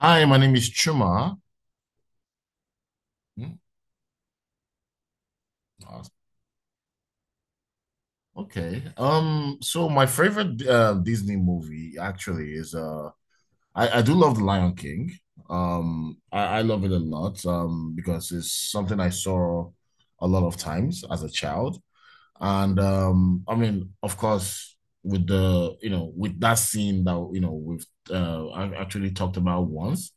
Hi, my name is Chuma. Hmm, awesome. Okay. So my favorite Disney movie actually is I do love The Lion King. I love it a lot because it's something I saw a lot of times as a child. And I mean, of course, with the with that scene that we've I actually talked about once,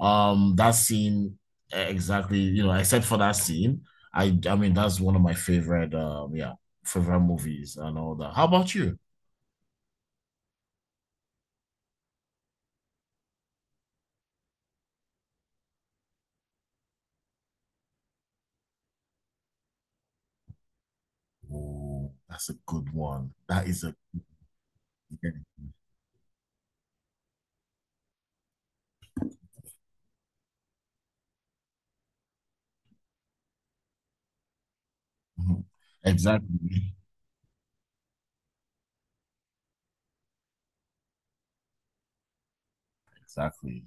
that scene exactly, except for that scene, I mean that's one of my favorite favorite movies and all that. How about you? Oh, that's a good one. That is a exactly. Exactly,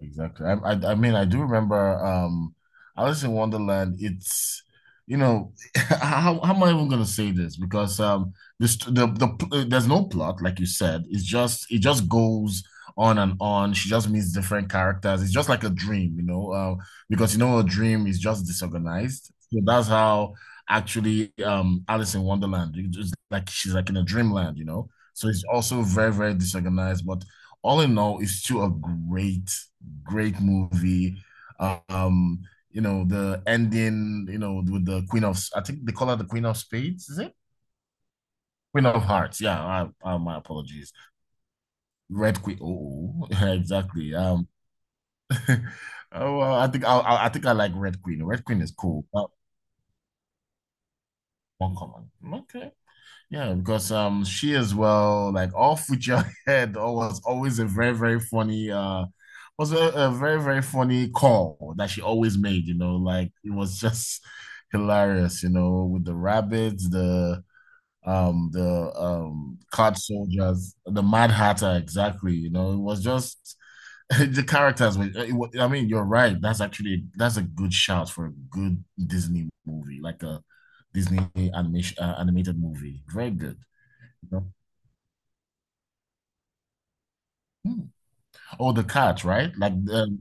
exactly. I mean, I do remember. Alice in Wonderland. It's you know, how am I even gonna say this? Because this the there's no plot, like you said. It just goes on and on. She just meets different characters. It's just like a dream, you know. Because you know, a dream is just disorganized. So that's how actually Alice in Wonderland. It's just like she's like in a dreamland, you know. So it's also very, very disorganized, but all in all, it's still a great, great movie. Um, you know, the ending, you know, with the Queen of, I think they call her the Queen of Spades, is it? Queen of Hearts. Yeah, my apologies. Red Queen. Oh, exactly. Oh, well, I think I like Red Queen. Red Queen is cool. Not uncommon. Okay. Yeah, because she as well, like all future head, was always a very very funny uh was a very, very funny call that she always made, you know, like it was just hilarious, you know, with the rabbits, the card soldiers, the Mad Hatter, exactly, you know, it was just the characters were, I mean, you're right. That's a good shout for a good Disney movie, like a Disney animation animated movie. Very good. You know. Hmm. Oh, the cat, right? Like the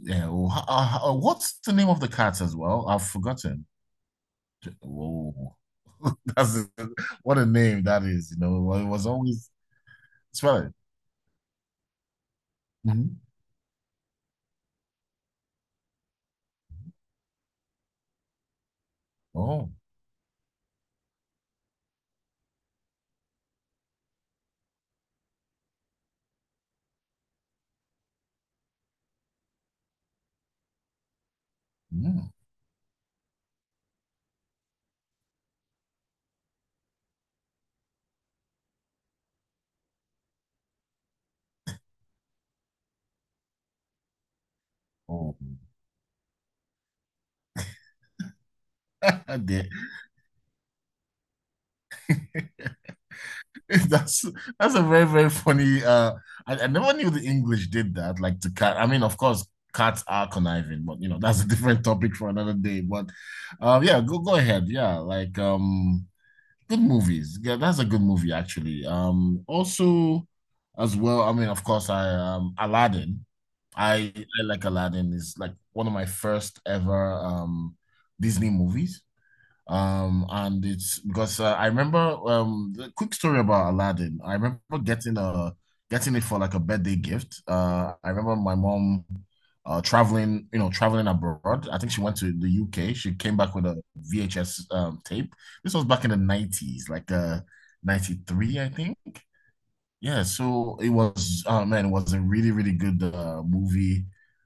yeah. Oh, what's the name of the cat as well? I've forgotten. Whoa. That's what a name that is. You know, well, it was always spell it. Mhm. Oh. mm, oh. There. That's that's a very, very funny. I never knew the English did that. Like to cat. I mean, of course, cats are conniving, but you know, that's a different topic for another day. But yeah, go ahead. Yeah, like. Good movies. Yeah, that's a good movie actually. Also as well, I mean, of course, I Aladdin. I I like Aladdin. It's like one of my first ever Disney movies. And it's because I remember the quick story about Aladdin. I remember getting a getting it for like a birthday gift. I remember my mom traveling abroad. I think she went to the UK. She came back with a VHS tape. This was back in the 90s, like 93, I think. Yeah, so it was oh man, it was a really, really good movie.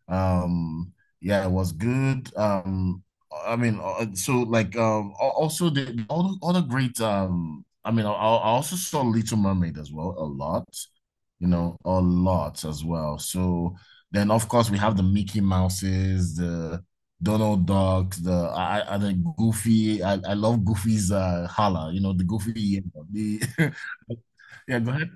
Um, yeah, it was good. So also the all the other great um I also saw Little Mermaid as well a lot, you know, a lot as well. So then of course we have the Mickey Mouses, the Donald Duck, the Goofy. I love Goofy's holla, you know, the Goofy. The, yeah, go ahead.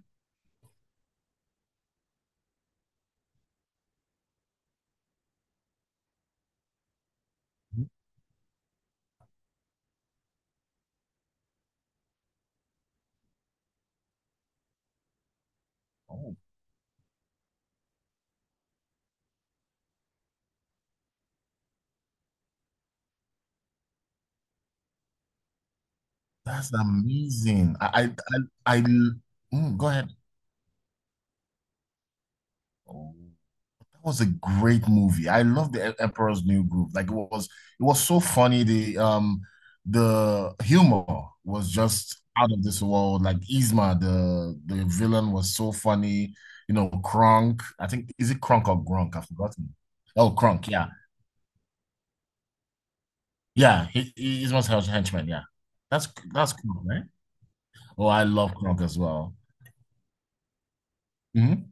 Oh, that's amazing. I go ahead. Oh, that was a great movie. I love the Emperor's New Groove. Like it was so funny. The humor was just out of this world. Like Yzma, the villain was so funny. You know, Kronk. I think is it Kronk or Gronk? I've forgotten. Oh, Kronk. Yeah, yeah. Yzma's henchman. Yeah, that's Kronk, right? Oh, I love Kronk as well. Mhm.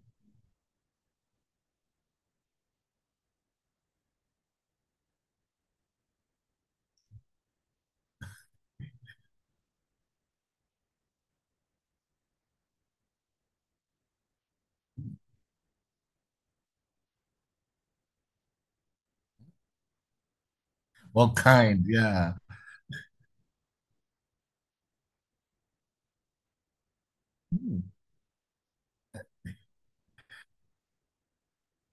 What kind? Yeah. Hmm.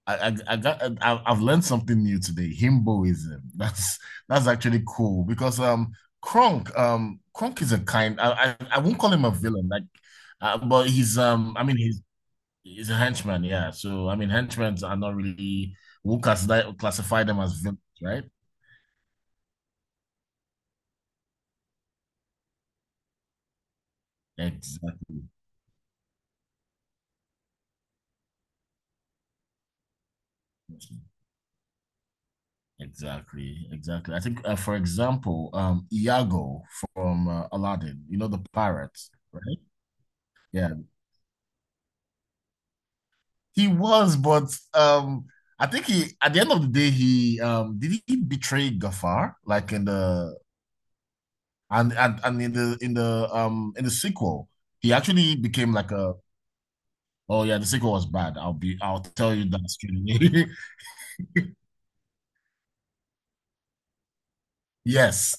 I've learned something new today. Himboism. That's actually cool because Kronk is a kind. I won't call him a villain like, but he's he's a henchman. Yeah. So I mean henchmen are not really we'll classify classify them as villains, right? Exactly. Exactly. Exactly. I think for example Iago from Aladdin. You know the pirates, right? Yeah. He was, but I think he at the end of the day he did he betray Gafar like in the and in the sequel he actually became like a oh yeah the sequel was bad I'll be I'll tell you that straight away. Yes,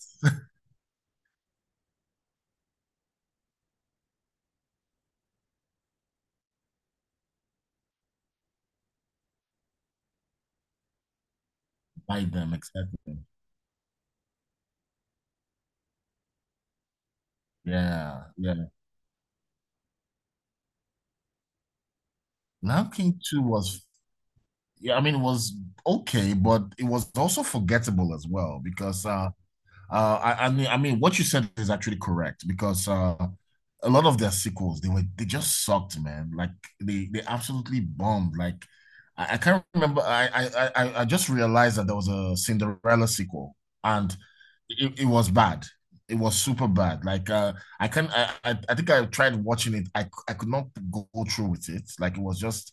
by them exactly. Yeah, yeah. Lion King 2 was yeah I mean it was okay, but it was also forgettable as well because I mean, I mean, what you said is actually correct because a lot of their sequels they just sucked, man. Like they absolutely bombed. Like I can't remember. I- just realized that there was a Cinderella sequel and it was bad. It was super bad. Like I can I think I tried watching it. I could not go through with it. Like it was just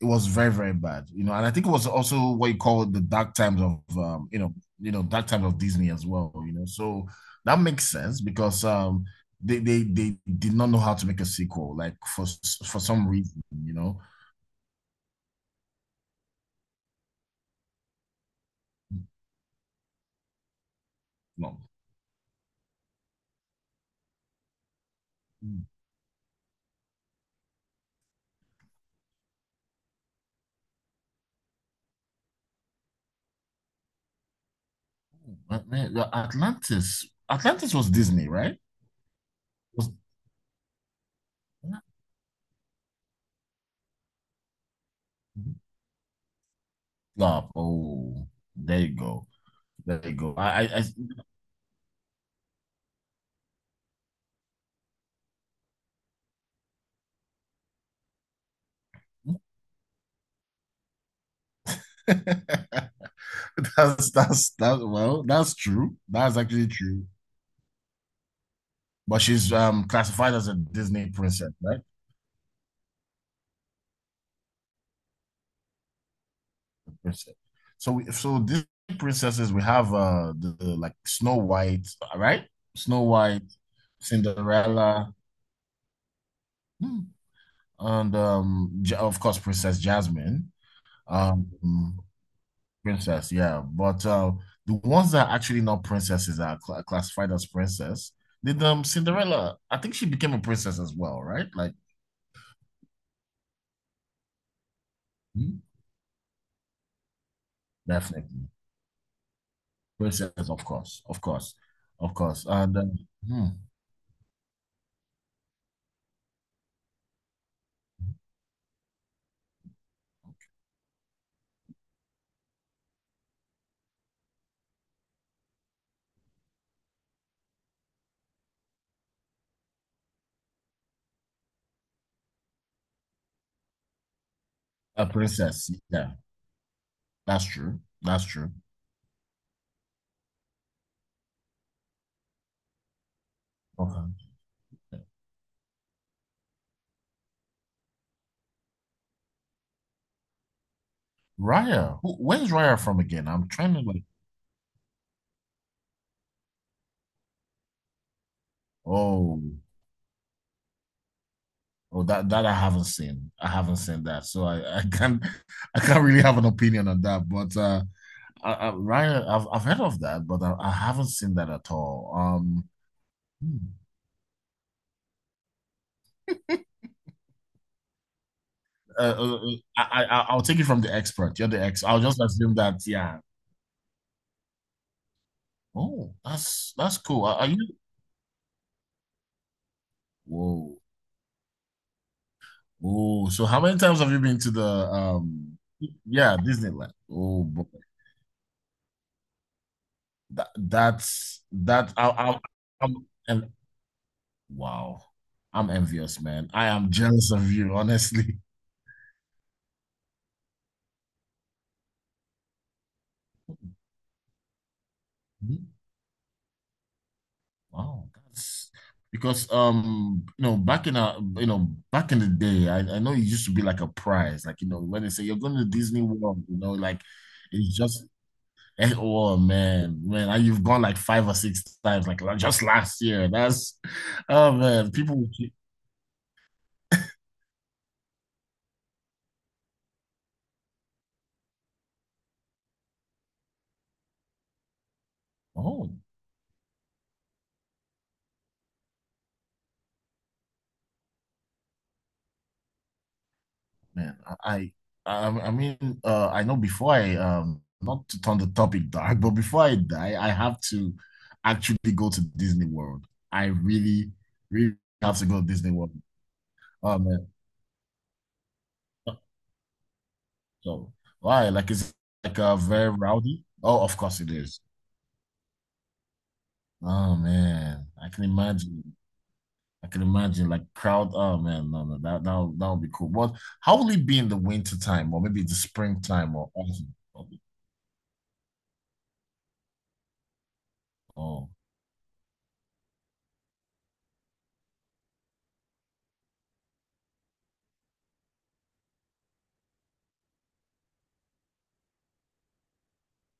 it was very very bad, you know, and I think it was also what you call the dark times of you know, you know, dark times of Disney as well, you know. So that makes sense because they did not know how to make a sequel, like for some reason, you know. No. Atlantis was Disney, right? Was, no, oh there you go, there you go. I that's that, well, that's true, that's actually true. But she's classified as a Disney princess, right? Princess. So Disney princesses we have the, like Snow White, right? Snow White, Cinderella, hmm, and of course Princess Jasmine, um princess, yeah. But the ones that are actually not princesses are classified as princess. Did Cinderella? I think she became a princess as well, right? Like hmm, definitely princess, of course, of course, of course, and. Hmm. A princess. Yeah, that's true. That's true. Okay. Raya. Who, where's Raya from again? I'm trying to like. Oh, oh, that that I haven't seen. I haven't seen that, so I can't I can't really have an opinion on that. But Raya, I've heard of that, but I haven't seen that at all. Hmm. Uh, uh, uh, I I'll take it from the expert. You're the ex. I'll just assume that. Yeah. Oh, that's cool. Are you? Whoa. Oh, so how many times have you been to the yeah, Disneyland? Oh boy. That that's that I I'm and wow. I'm envious, man. I am jealous of you, honestly. Mhm. Wow, that's because you know back in a you know back in the day, I know it used to be like a prize, like you know when they say you're going to Disney World, you know like it's just Oh man, man, you've gone like five or six times, like just last year. That's oh man, people. Will keep Oh man, I mean, I know before I not to turn the topic dark, but before I die, I have to actually go to Disney World. I really, really have to go to Disney World. Oh man, so why? Like it's like very rowdy. Oh, of course it is. Oh man, I can imagine. I can imagine like crowd. Oh man, no, no, that that that would be cool. But how will it be in the winter time or maybe the springtime or autumn? Oh,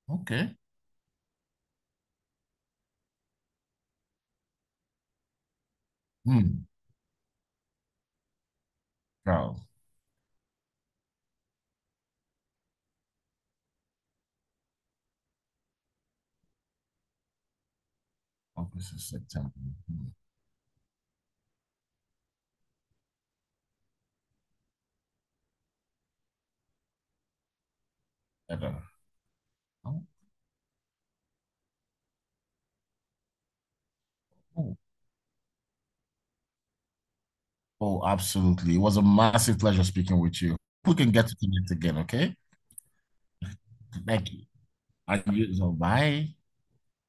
okay. Hmm. Crowd. August, this September. Hmm. Okay. Oh, oh, oh, absolutely. It was a massive pleasure speaking with you. We can get to connect again, okay? Thank you. And you, so bye.